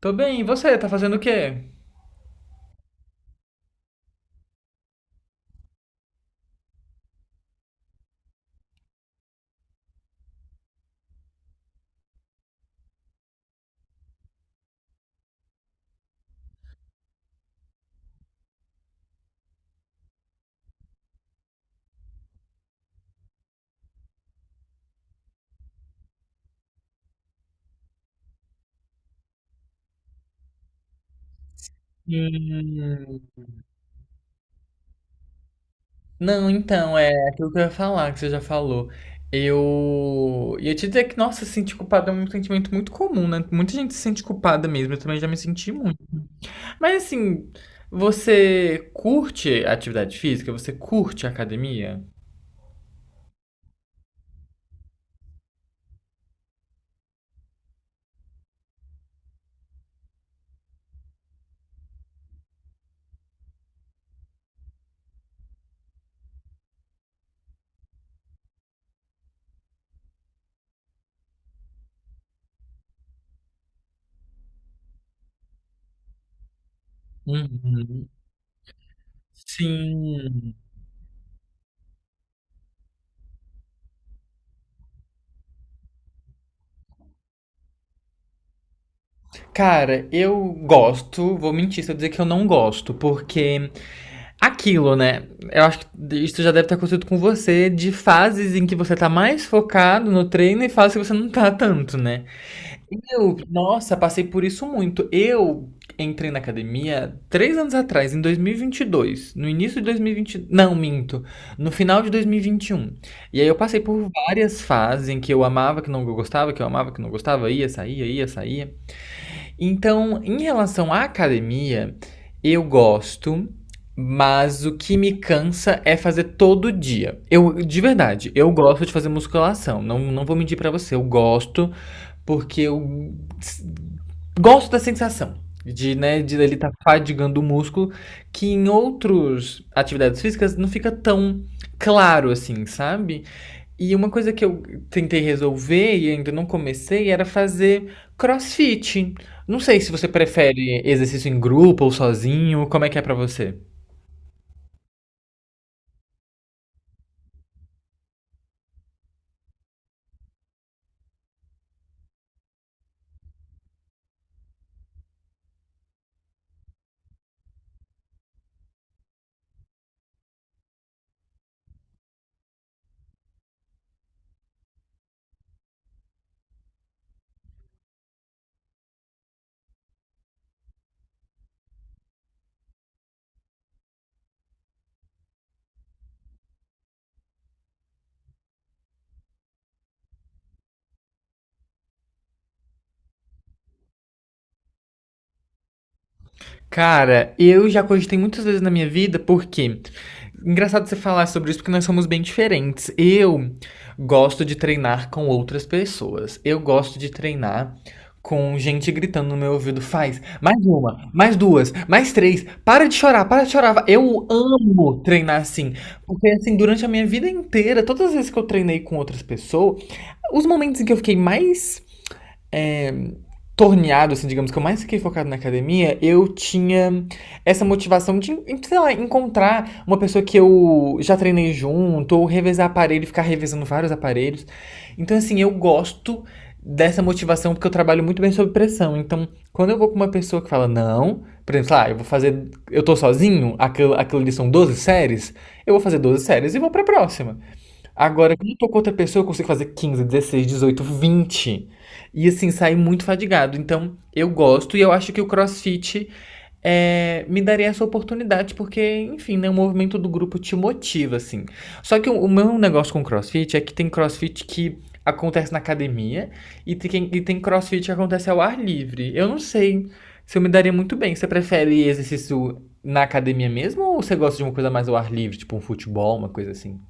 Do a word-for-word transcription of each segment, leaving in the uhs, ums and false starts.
Tô bem, e você? Tá fazendo o quê? Hum, Não, então, é aquilo que eu ia falar, que você já falou. Eu ia te dizer que, nossa, se sentir culpada é um sentimento muito comum, né? Muita gente se sente culpada mesmo, eu também já me senti muito. Mas assim, você curte atividade física? Você curte academia? Uhum. Sim. Cara, eu gosto, vou mentir se eu dizer que eu não gosto, porque aquilo, né? Eu acho que isso já deve ter acontecido com você, de fases em que você tá mais focado no treino e fases que você não tá tanto, né? Eu, nossa, passei por isso muito. Eu entrei na academia três anos atrás, em dois mil e vinte e dois. No início de dois mil e vinte. Não, minto. No final de dois mil e vinte e um. E vinte e um. E aí eu passei por várias fases em que eu amava, que não gostava, que eu amava, que não gostava, ia, saía, ia, saía. Então, em relação à academia, eu gosto, mas o que me cansa é fazer todo dia. Eu, de verdade, eu gosto de fazer musculação. Não, não vou mentir pra você, eu gosto porque eu s- gosto da sensação de, né, de ele estar fadigando o músculo, que em outras atividades físicas não fica tão claro assim, sabe? E uma coisa que eu tentei resolver e ainda não comecei era fazer CrossFit. Não sei se você prefere exercício em grupo ou sozinho, como é que é pra você? Cara, eu já cogitei muitas vezes na minha vida, porque engraçado você falar sobre isso porque nós somos bem diferentes. Eu gosto de treinar com outras pessoas. Eu gosto de treinar com gente gritando no meu ouvido, faz mais uma, mais duas, mais três, para de chorar, para de chorar. Eu amo treinar assim, porque assim, durante a minha vida inteira, todas as vezes que eu treinei com outras pessoas, os momentos em que eu fiquei mais torneado, assim, digamos, que eu mais fiquei focado na academia, eu tinha essa motivação de, sei lá, encontrar uma pessoa que eu já treinei junto, ou revezar aparelho, ficar revezando vários aparelhos. Então, assim, eu gosto dessa motivação porque eu trabalho muito bem sob pressão. Então, quando eu vou com uma pessoa que fala, não, por exemplo, lá, eu vou fazer, eu tô sozinho, aquilo, aquilo ali são doze séries, eu vou fazer doze séries e vou pra próxima. Agora, quando eu tô com outra pessoa, eu consigo fazer quinze, dezesseis, dezoito, vinte. E assim, sair muito fadigado. Então, eu gosto e eu acho que o CrossFit é, me daria essa oportunidade, porque, enfim, né, o movimento do grupo te motiva, assim. Só que o, o meu negócio com CrossFit é que tem CrossFit que acontece na academia e tem, e tem CrossFit que acontece ao ar livre. Eu não sei se eu me daria muito bem. Você prefere exercício na academia mesmo ou você gosta de uma coisa mais ao ar livre, tipo um futebol, uma coisa assim?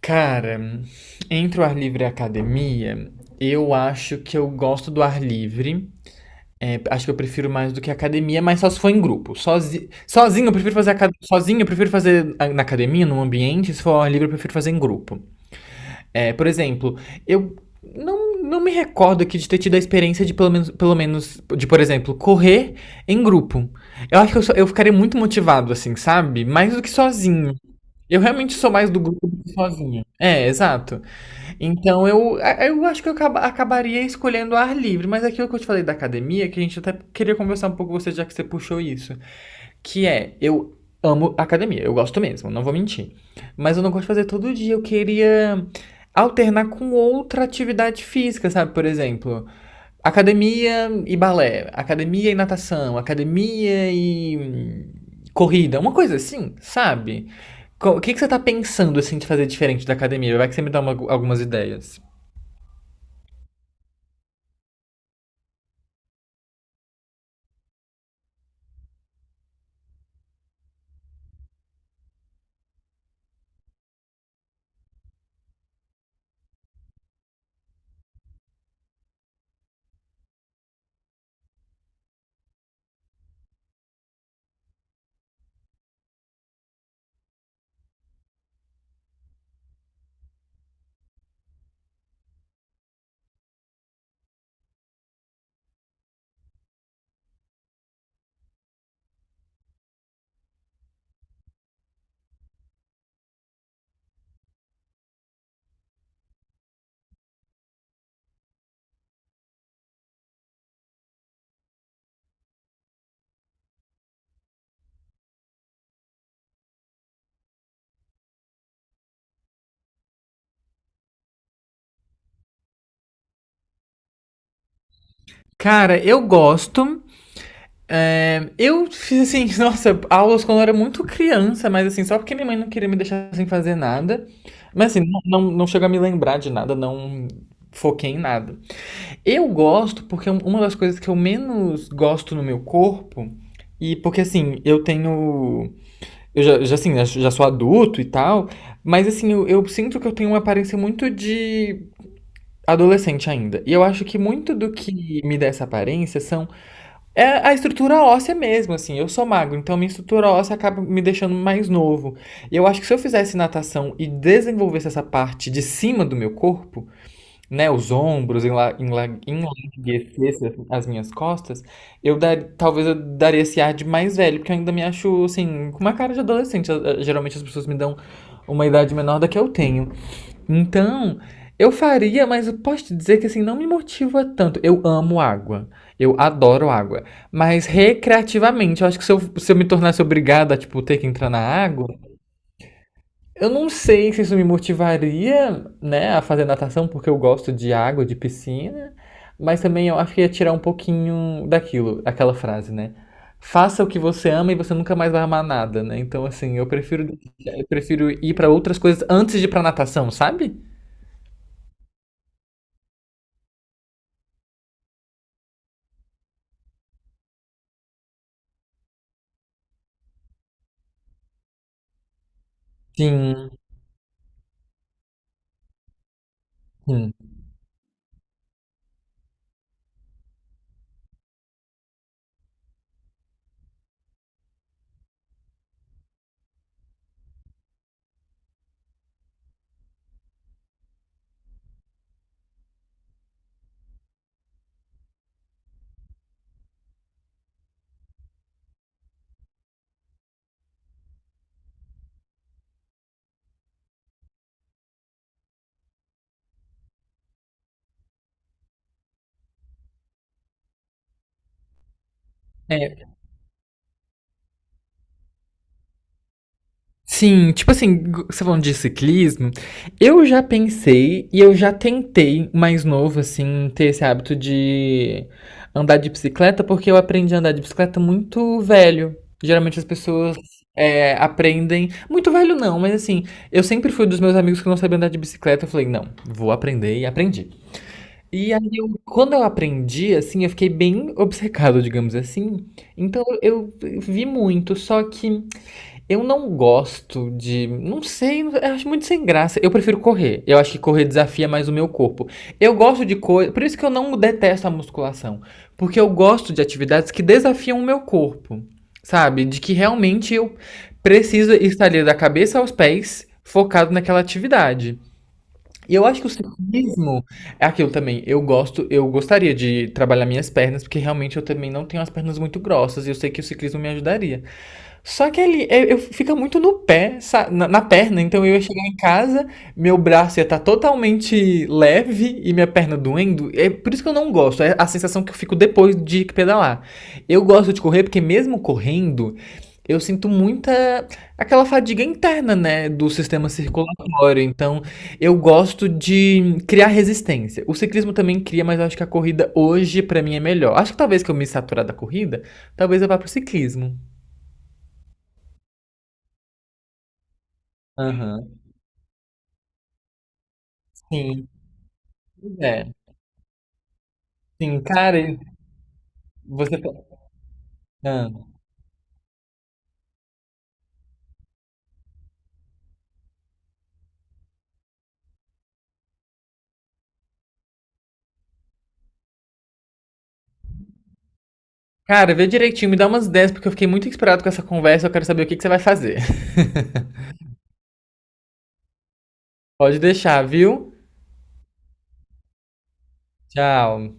Cara, entre o ar livre e a academia, eu acho que eu gosto do ar livre. É, acho que eu prefiro mais do que a academia, mas só se for em grupo. Sozi... Sozinho, eu prefiro fazer aca- sozinho, eu prefiro fazer a- na academia, num ambiente. Se for ao ar livre, eu prefiro fazer em grupo. É, por exemplo, eu não, não me recordo aqui de ter tido a experiência de pelo menos, pelo menos de, por exemplo, correr em grupo. Eu acho que eu, sou- eu ficaria muito motivado, assim, sabe? Mais do que sozinho. Eu realmente sou mais do grupo do que sozinho. É, exato. Então eu, a- eu acho que eu acaba- acabaria escolhendo o ar livre, mas aquilo que eu te falei da academia, que a gente até queria conversar um pouco com você, já que você puxou isso, que é, eu amo academia, eu gosto mesmo, não vou mentir. Mas eu não gosto de fazer todo dia, eu queria alternar com outra atividade física, sabe? Por exemplo, academia e balé, academia e natação, academia e corrida, uma coisa assim, sabe? O que, que você tá pensando assim de fazer diferente da academia? Vai que você me dá uma- algumas ideias. Cara, eu gosto. É, eu fiz assim, nossa, aulas quando eu era muito criança, mas assim, só porque minha mãe não queria me deixar sem fazer nada. Mas assim, não, não, não chego a me lembrar de nada, não foquei em nada. Eu gosto porque é um- uma das coisas que eu menos gosto no meu corpo, e porque assim, eu tenho. Eu já, já, assim, já, já sou adulto e tal, mas assim, eu, eu sinto que eu tenho uma aparência muito de adolescente ainda. E eu acho que muito do que me dá essa aparência são é a estrutura óssea mesmo, assim. Eu sou magro, então minha estrutura óssea acaba me deixando mais novo. E eu acho que se eu fizesse natação e desenvolvesse essa parte de cima do meu corpo, né, os ombros, enla- enla- enlarguecesse as as minhas costas, eu dar, talvez eu daria esse ar de mais velho, porque eu ainda me acho, assim, com uma cara de adolescente. Eh, eh, Geralmente as pessoas me dão uma idade menor da que eu tenho. Então, eu faria, mas eu posso te dizer que assim não me motiva tanto. Eu amo água. Eu adoro água. Mas recreativamente, eu acho que se eu, se eu me tornasse obrigada a, tipo, ter que entrar na água, eu não sei se isso me motivaria, né, a fazer natação, porque eu gosto de água, de piscina. Mas também eu acho que ia tirar um pouquinho daquilo, aquela frase, né? Faça o que você ama e você nunca mais vai amar nada, né? Então, assim, eu prefiro, eu prefiro ir pra outras coisas antes de ir pra natação, sabe? Sim. Hum. É, sim, tipo assim, g- você falando de ciclismo, eu já pensei e eu já tentei, mais novo, assim, ter esse hábito de andar de bicicleta, porque eu aprendi a andar de bicicleta muito velho. Geralmente as pessoas é, aprendem. Muito velho não, mas assim, eu sempre fui dos meus amigos que não sabiam andar de bicicleta. Eu falei, não, vou aprender e aprendi. E aí, eu- quando eu aprendi, assim, eu fiquei bem obcecado, digamos assim. Então eu vi muito, só que. Eu não gosto de. Não sei, eu acho muito sem graça. Eu prefiro correr. Eu acho que correr desafia mais o meu corpo. Eu gosto de coisa. Por isso que eu não detesto a musculação. Porque eu gosto de atividades que desafiam o meu corpo. Sabe? De que realmente eu preciso estar ali da cabeça aos pés focado naquela atividade. E eu acho que o ciclismo é aquilo também. Eu gosto, eu gostaria de trabalhar minhas pernas, porque realmente eu também não tenho as pernas muito grossas e eu sei que o ciclismo me ajudaria. Só que ele eu, eu fica muito no pé, sa- na, na perna. Então eu ia chegar em casa, meu braço ia estar totalmente leve e minha perna doendo. É por isso que eu não gosto. É a sensação que eu fico depois de pedalar. Eu gosto de correr porque mesmo correndo, eu sinto muita aquela fadiga interna, né, do sistema circulatório. Então eu gosto de criar resistência. O ciclismo também cria, mas eu acho que a corrida hoje pra mim é melhor. Acho que talvez que eu me saturar da corrida, talvez eu vá pro ciclismo. Aham. Sim, pois é. Sim, cara, e você. tá- Ah. Cara, vê direitinho, me dá umas ideias, porque eu fiquei muito inspirado com essa conversa. Eu quero saber o que que você vai fazer. Pode deixar, viu? Tchau.